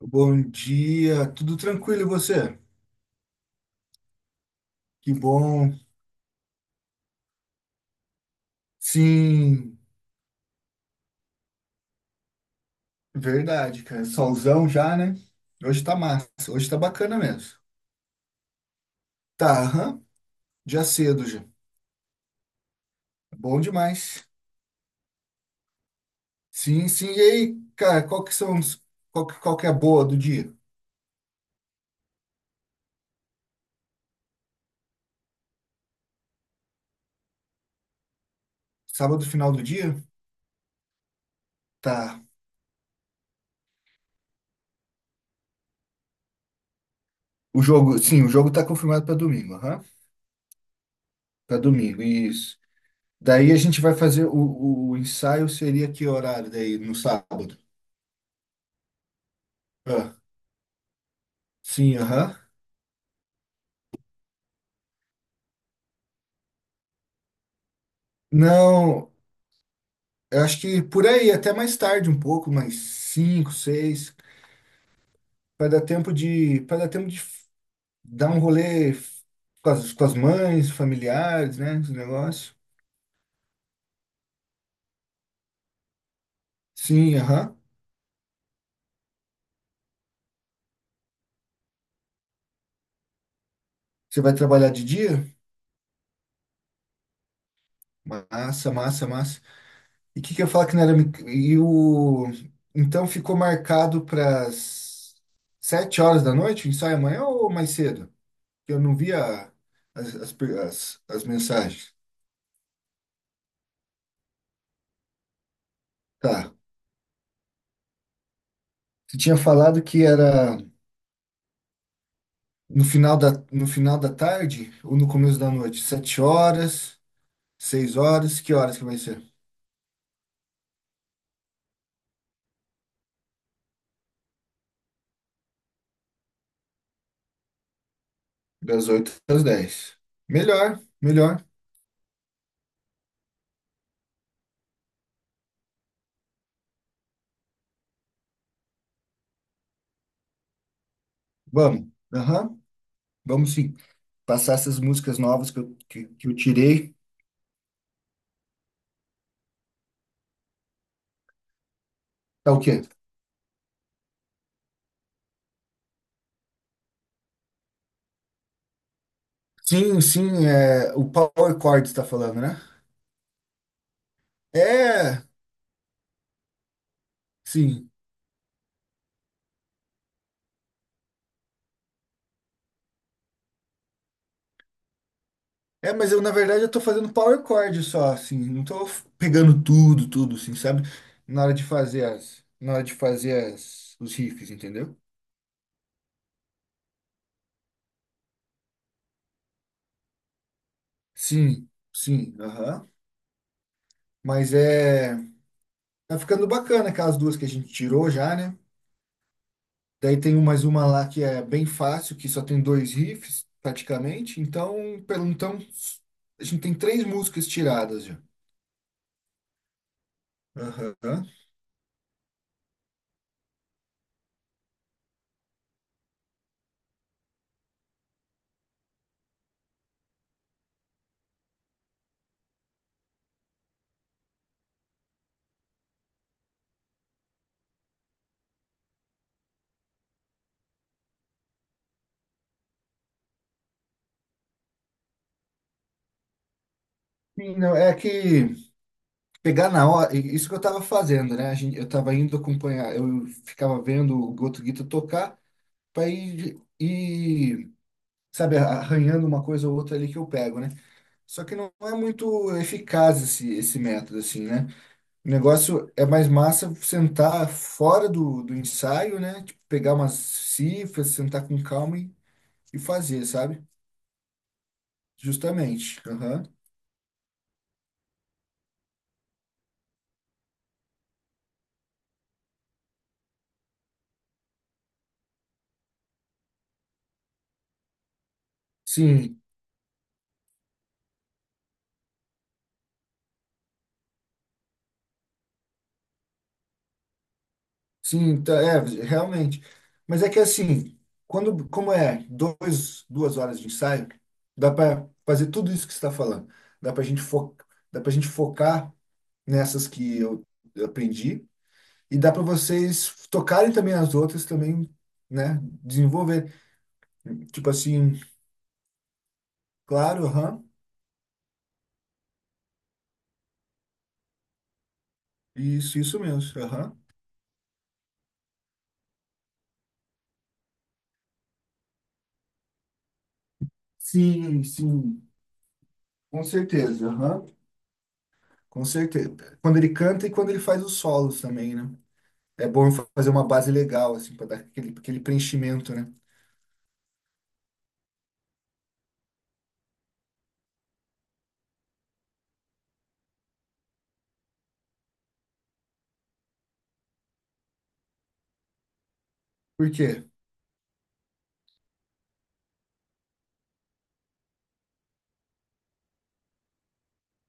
Bom dia, tudo tranquilo e você? Que bom. Sim, verdade, cara. Solzão já, né? Hoje tá massa, hoje tá bacana mesmo. Tá, aham, já cedo já. Bom demais. Sim, sim. E aí, cara, qual que são os, qual que é a boa do dia? Sábado, final do dia? Tá. O jogo, sim, o jogo tá confirmado pra domingo, aham. Pra domingo, isso. Daí a gente vai fazer o ensaio seria que horário daí no sábado? Ah, sim, aham. Não. Eu acho que por aí, até mais tarde um pouco, mais cinco, seis, para dar tempo de dar um rolê com as mães, familiares, né, esse negócio. Sim, aham. Você vai trabalhar de dia? Massa, massa, massa. E o que que eu ia falar que não era... E o... Então ficou marcado para as 19h da noite, o ensaio amanhã ou mais cedo? Eu não via as, as, per- as as mensagens. Tá. Você tinha falado que era no final da tarde ou no começo da noite? Sete horas, 6 horas, que horas que vai ser? Das 8 às 10. Melhor, melhor. Vamos. Aham, vamos sim. Passar essas músicas novas que eu tirei. É o quê? Sim, sim, é o Power Chord está falando, né? É, sim. É, mas eu na verdade eu tô fazendo Power Chord só, assim, não tô pegando tudo, tudo, assim, sabe? Na hora de fazer as, na hora de fazer as, os riffs, entendeu? Sim, sim, aham. Mas é. Tá ficando bacana aquelas duas que a gente tirou já, né? Daí tem mais uma lá que é bem fácil, que só tem dois riffs, praticamente. Então, pelo então, a gente tem três músicas tiradas já. Aham. Sim, não, é que pegar na hora, isso que eu tava fazendo, né? Eu tava indo acompanhar, eu ficava vendo o Goto Guita tocar para ir, sabe, arranhando uma coisa ou outra ali que eu pego, né? Só que não é muito eficaz esse método, assim, né? O negócio é mais massa sentar fora do ensaio, né? Tipo, pegar umas cifras, sentar com calma e fazer, sabe? Justamente. Aham. Sim, sim, tá, é, realmente. Mas é que assim, quando, como é duas horas de ensaio, dá para fazer tudo isso que você está falando. Dá para gente fo, dá para gente focar nessas que eu aprendi. E dá para vocês tocarem também as outras também, né? Desenvolver. Tipo assim, claro, aham. Isso mesmo. Aham. Sim, sim. Com certeza, aham. Com certeza. Quando ele canta e quando ele faz os solos também, né? É bom fazer uma base legal, assim, para dar aquele, aquele preenchimento, né? Por quê?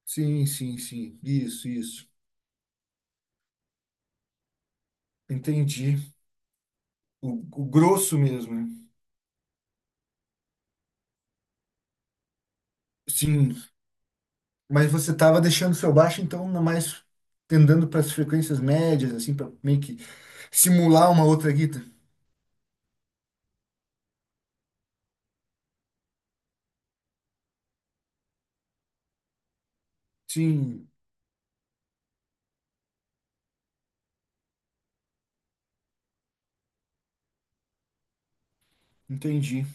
Sim, sim, sim. Isso, isso. Entendi. O, o grosso mesmo, né? Sim. Mas você estava deixando seu baixo, então, na mais tendendo para as frequências médias, assim, para meio que simular uma outra guitarra. Sim, entendi.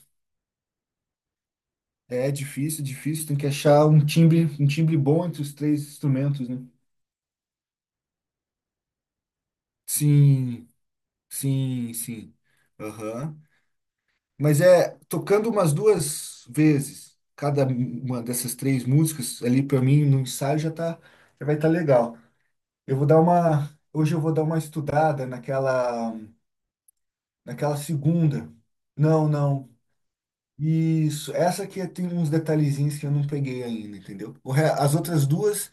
É difícil, difícil. Tem que achar um timbre bom entre os três instrumentos, né? Sim, sim, sim. Aham. Mas é tocando umas duas vezes cada uma dessas três músicas ali para mim no ensaio já tá, já vai estar legal. Eu vou dar uma, hoje eu vou dar uma estudada naquela. Naquela segunda. Não, não. Isso. Essa aqui tem uns detalhezinhos que eu não peguei ainda, entendeu? As outras duas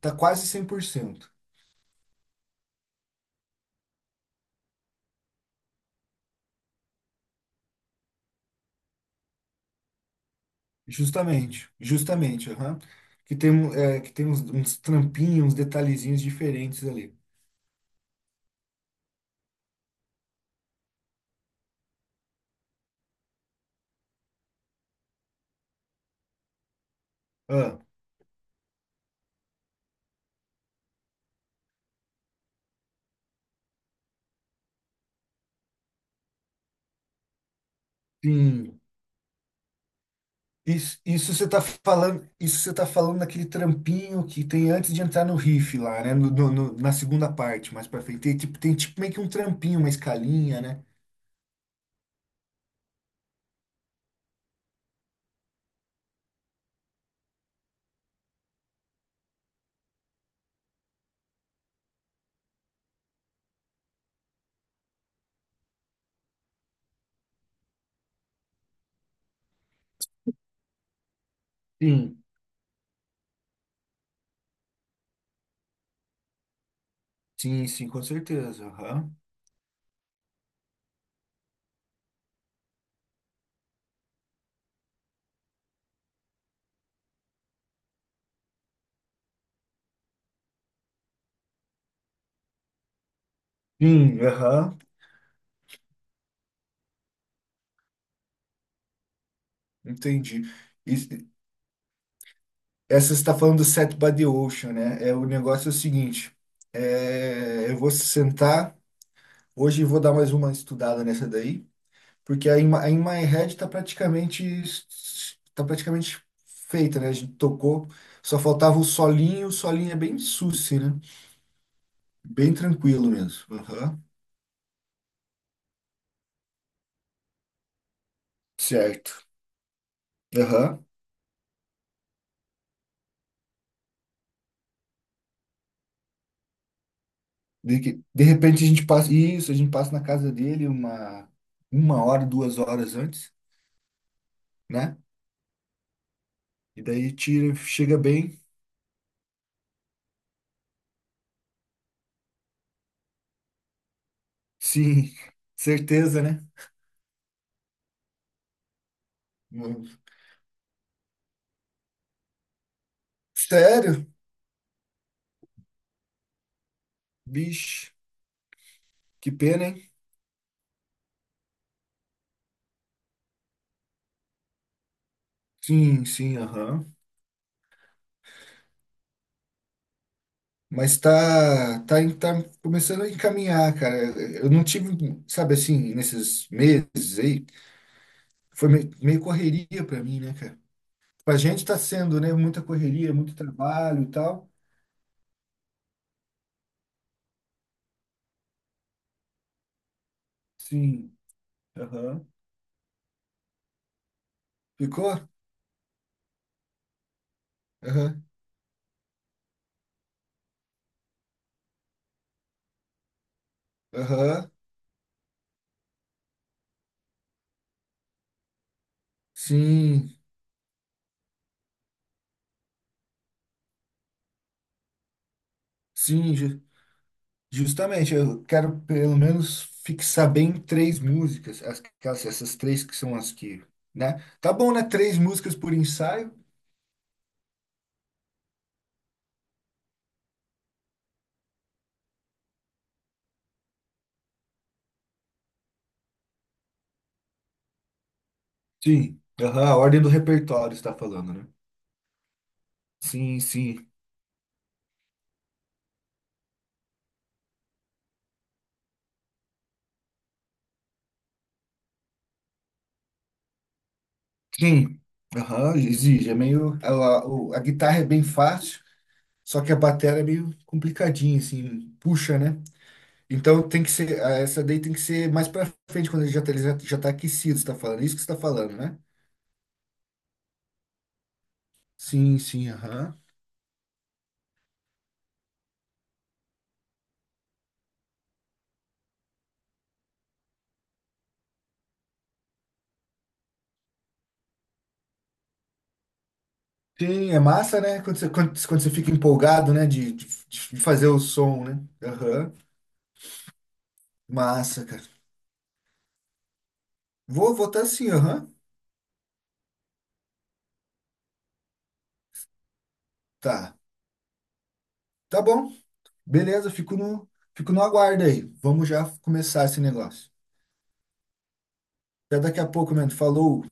tá quase 100%. Justamente. Justamente, aham. Que tem, é, que tem uns, uns trampinhos, uns detalhezinhos diferentes ali. Ah, sim. Isso você tá falando, isso você tá falando daquele trampinho que tem antes de entrar no riff lá, né? Na segunda parte, mais pra frente. Tem tipo meio que um trampinho, uma escalinha, né? Sim. Sim, sim, com certeza. Aham. Sim, aham. Entendi. Isso- essa você está falando do Set by the Ocean, né? É, o negócio é o seguinte: é, eu vou sentar, hoje eu vou dar mais uma estudada nessa daí, porque a In My Head está praticamente, tá praticamente feita, né? A gente tocou, só faltava o solinho é bem susse, né? Bem tranquilo mesmo. Aham. Certo. Aham. De repente a gente passa, isso, a gente passa na casa dele uma 1 hora, 2 horas antes, né? E daí tira, chega bem. Sim, certeza, né? Hum. Sério? Vixe, que pena, hein? Sim, sim, aham. Mas tá, tá começando a encaminhar, cara. Eu não tive, sabe assim, nesses meses aí, foi meio, meio correria pra mim, né, cara? Pra gente tá sendo, né, muita correria, muito trabalho e tal. Sim, aham. Ficou? Aham, aham. Sim, sim, ju- justamente. Eu quero pelo menos fixar bem três músicas, essas três que são as que, né? Tá bom, né? Três músicas por ensaio? Sim, aham, a ordem do repertório está falando, né? Sim, sim, sim. Aham, exige. É meio. A guitarra é bem fácil, só que a bateria é meio complicadinha, assim, puxa, né? Então tem que ser, ah, essa daí tem que ser mais pra frente, quando ele já tá aquecido, você tá falando. Isso que você tá falando, né? Sim, sim, aham. Sim, é massa, né? Quando você fica empolgado, né? De fazer o som, né? Aham. Massa, cara. Vou votar sim, aham. Tá. Tá bom. Beleza, fico no aguardo aí. Vamos já começar esse negócio. Até daqui a pouco, mano. Falou.